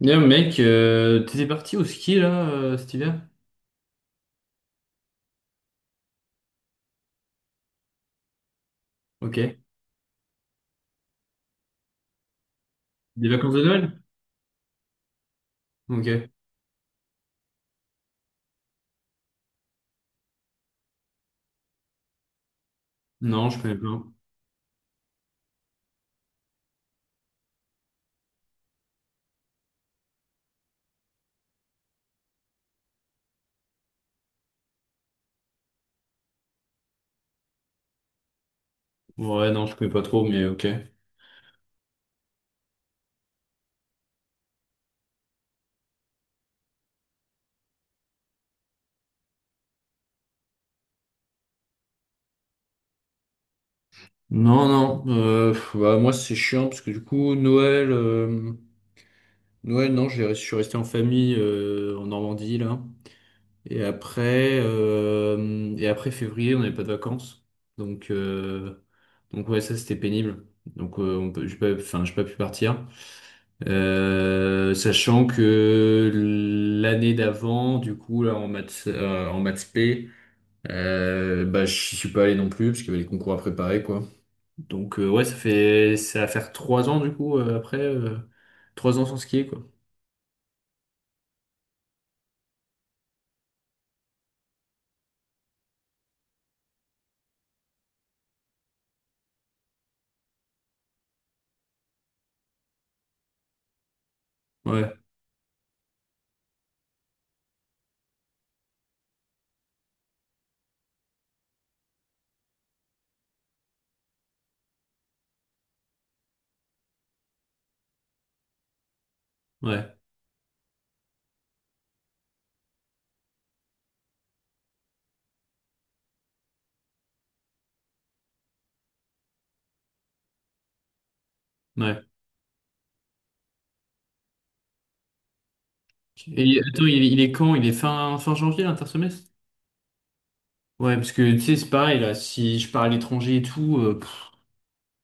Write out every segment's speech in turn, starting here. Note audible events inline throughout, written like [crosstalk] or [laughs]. D'ailleurs, mec, t'étais parti au ski là, cet hiver? Ok. Des vacances de Noël? Ok. Non, je connais pas. Ouais, non, je connais pas trop, mais ok. Non, non. Pff, bah, moi, c'est chiant parce que du coup, Noël, non, je suis resté en famille, en Normandie là. Et après, février, on n'avait pas de vacances. Donc, euh, donc ouais, ça c'était pénible. Donc, j'ai pas, enfin, j'ai pas pu partir. Sachant que l'année d'avant, du coup, là, en maths P, bah, j'y suis pas allé non plus parce qu'il y avait les concours à préparer, quoi. Donc, ouais, ça va faire trois ans, du coup, après, trois ans sans skier, quoi. Ouais, ouais, ouais. Et attends, il est quand? Il est fin janvier, l'intersemestre? Ouais, parce que tu sais, c'est pareil, là, si je pars à l'étranger et tout, pff,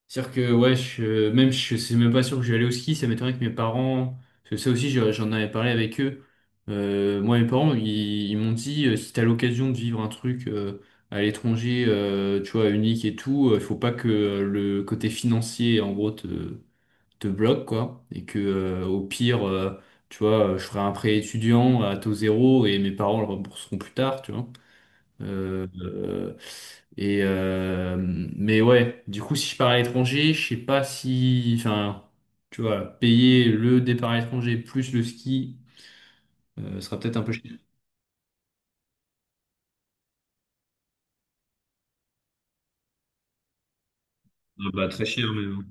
c'est-à-dire que, ouais, je, même, je c'est même pas sûr que je vais aller au ski, ça m'étonnerait que mes parents, parce que ça aussi, j'en avais parlé avec eux. Moi, mes parents, ils m'ont dit, si t'as l'occasion de vivre un truc, à l'étranger, tu vois, unique et tout, il faut pas que le côté financier, en gros, te bloque, quoi. Et que au pire, tu vois, je ferai un prêt étudiant à taux zéro et mes parents le rembourseront plus tard, tu vois. Euh, euh, et euh, mais ouais, du coup, si je pars à l'étranger, je sais pas si, enfin, tu vois, payer le départ à l'étranger plus le ski sera peut-être un peu cher. Ah bah, très cher, mais bon.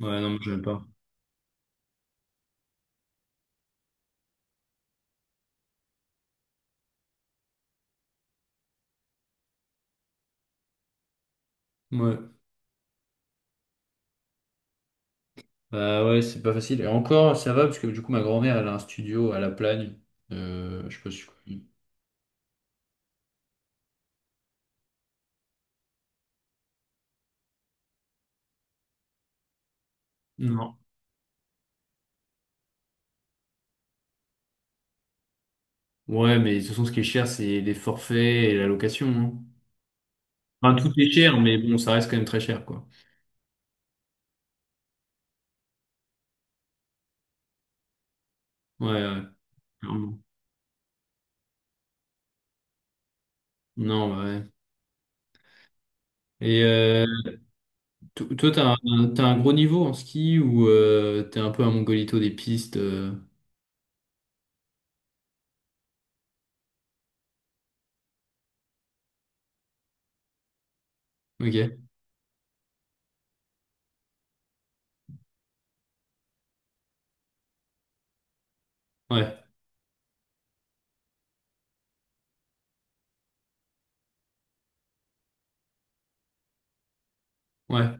Ouais, non, moi, j'aime pas. Ouais. Bah ouais, c'est pas facile. Et encore, ça va, parce que du coup, ma grand-mère, elle a un studio à La Plagne. Je sais pas si tu connais. Non. Ouais, mais de toute façon, ce qui est cher, c'est les forfaits et la location, hein. Enfin, tout est cher, mais bon, ça reste quand même très cher, quoi. Ouais, ouais, clairement. Non, bah ouais. Et euh, Toi, t'as un gros niveau en ski ou t'es un peu un mongolito des pistes? Ok. Ouais, ouais.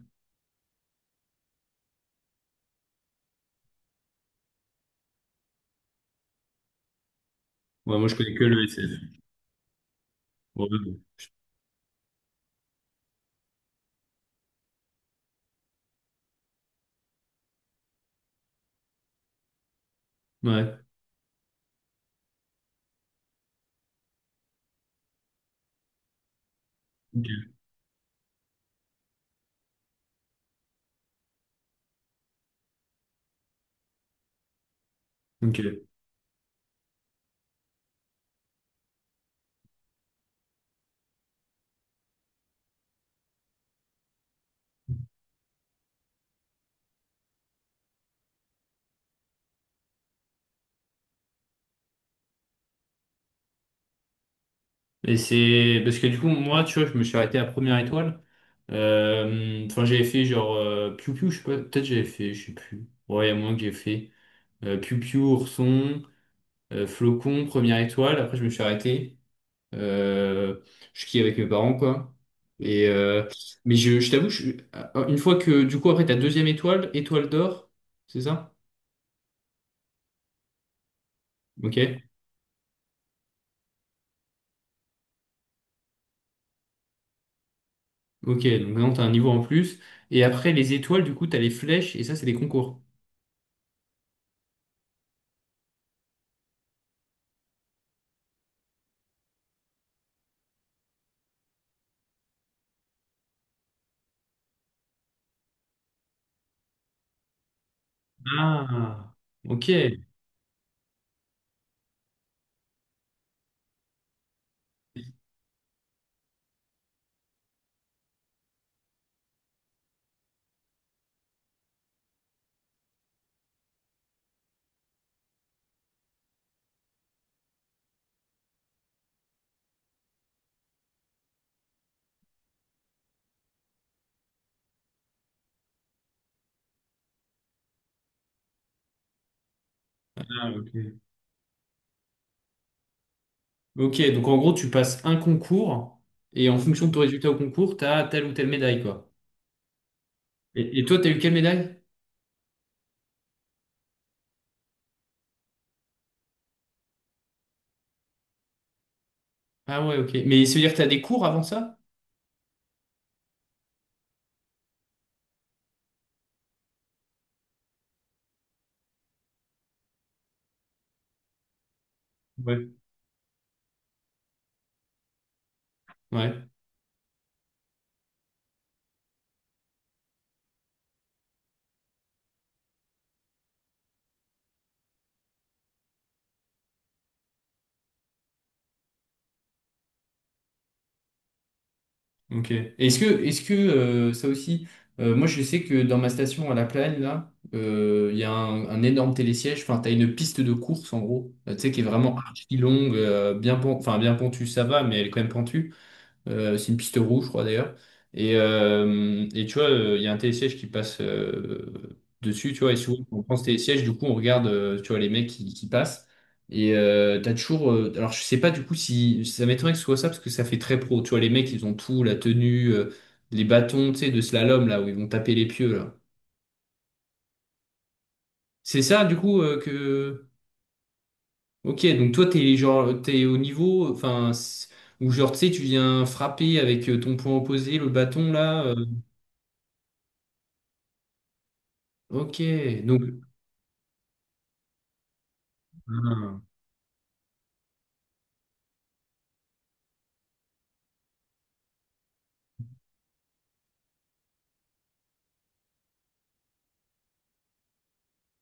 Ouais, moi, je connais que le SF. Ouais, ouais. Bon. Ouais. Ok. Ok. Parce que du coup, moi, tu vois, je me suis arrêté à première étoile. Enfin, j'avais fait genre... Piu Piu, je sais pas. Peut-être j'avais fait, je sais plus. Ouais, il y a moins que j'ai fait. Piu Piu, Ourson, Flocon, première étoile. Après, je me suis arrêté. Euh, je skie avec mes parents, quoi. Et, euh, mais je t'avoue, ah, une fois que, du coup, après, ta deuxième étoile, étoile d'or, c'est ça? Ok. Ok, donc maintenant, t'as un niveau en plus. Et après, les étoiles, du coup, t'as les flèches, et ça, c'est des concours. Ah, ok. Ah, ok. Ok, donc en gros, tu passes un concours, et en fonction de ton résultat au concours, t'as telle ou telle médaille, quoi. Et toi, t'as eu quelle médaille? Ah ouais, ok. Mais ça veut dire que t'as des cours avant ça? Ouais. Ouais, ok. Et est-ce que, ça aussi, moi je sais que dans ma station à La Plagne, là, il y a un énorme télésiège, enfin t'as une piste de course en gros, tu sais, qui est, vraiment archi longue, bien, enfin, bien pentue, ça va, mais elle est quand même pentue. C'est une piste rouge, je crois d'ailleurs. Et tu vois, il y a un télésiège qui passe dessus, tu vois. Et souvent, quand on prend ce télésiège, du coup, on regarde, tu vois, les mecs qui passent. T'as toujours. Alors, je sais pas du coup si. Ça m'étonnerait que ce soit ça, parce que ça fait très pro. Tu vois, les mecs, ils ont tout, la tenue, les bâtons, tu sais, de slalom, là, où ils vont taper les pieux, là. C'est ça, du coup, que. Ok, donc toi, t'es genre, t'es au niveau, enfin, ou genre, tu sais, tu viens frapper avec ton poing opposé, le bâton, là. Ok, donc, ah,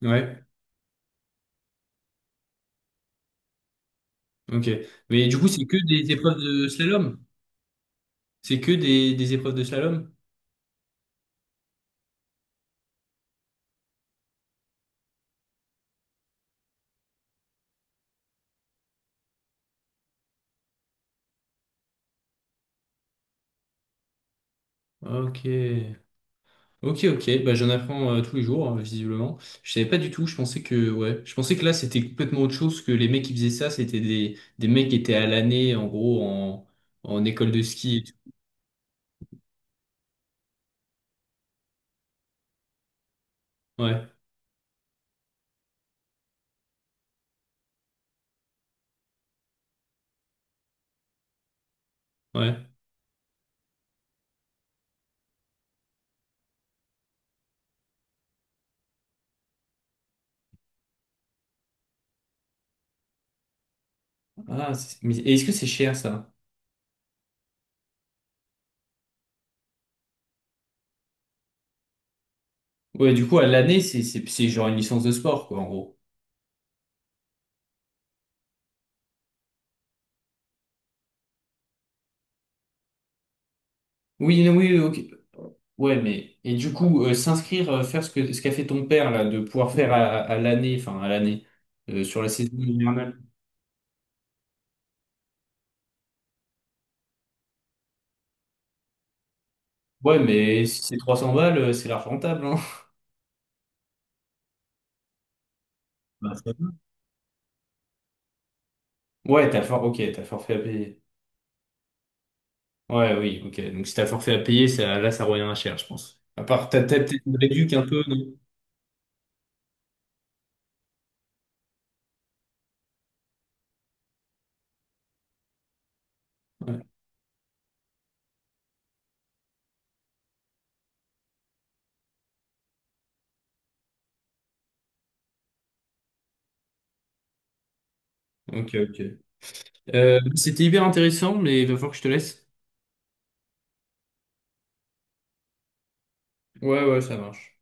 ouais, ok. Mais du coup, c'est que des épreuves de slalom? C'est que des épreuves de slalom? Ok, ok, ok. Bah, j'en apprends tous les jours, visiblement. Je savais pas du tout. Je pensais que, ouais, je pensais que là, c'était complètement autre chose que les mecs qui faisaient ça. C'était des mecs qui étaient à l'année, en gros, en, en école de ski, et tout. Ouais, ouais. Ah, mais est-ce que c'est cher ça? Ouais, du coup, à l'année, c'est genre une licence de sport, quoi, en gros. Oui, non, oui, ok. Ouais, mais et du coup, s'inscrire, faire ce qu'a fait ton père là, de pouvoir faire à l'année, enfin à l'année, sur la saison hivernale. Ouais, mais si c'est 300 balles, c'est large rentable, hein. [laughs] Bah, ça va. Ouais, ok, t'as le forfait à payer. Ouais, oui, ok. Donc si t'as le forfait à payer, ça, là, ça revient à cher, je pense. À part, t'as peut-être une réduc un peu, non? Ouais. Ok, ok. C'était hyper intéressant, mais il va falloir que je te laisse. Ouais, ouais, ça marche.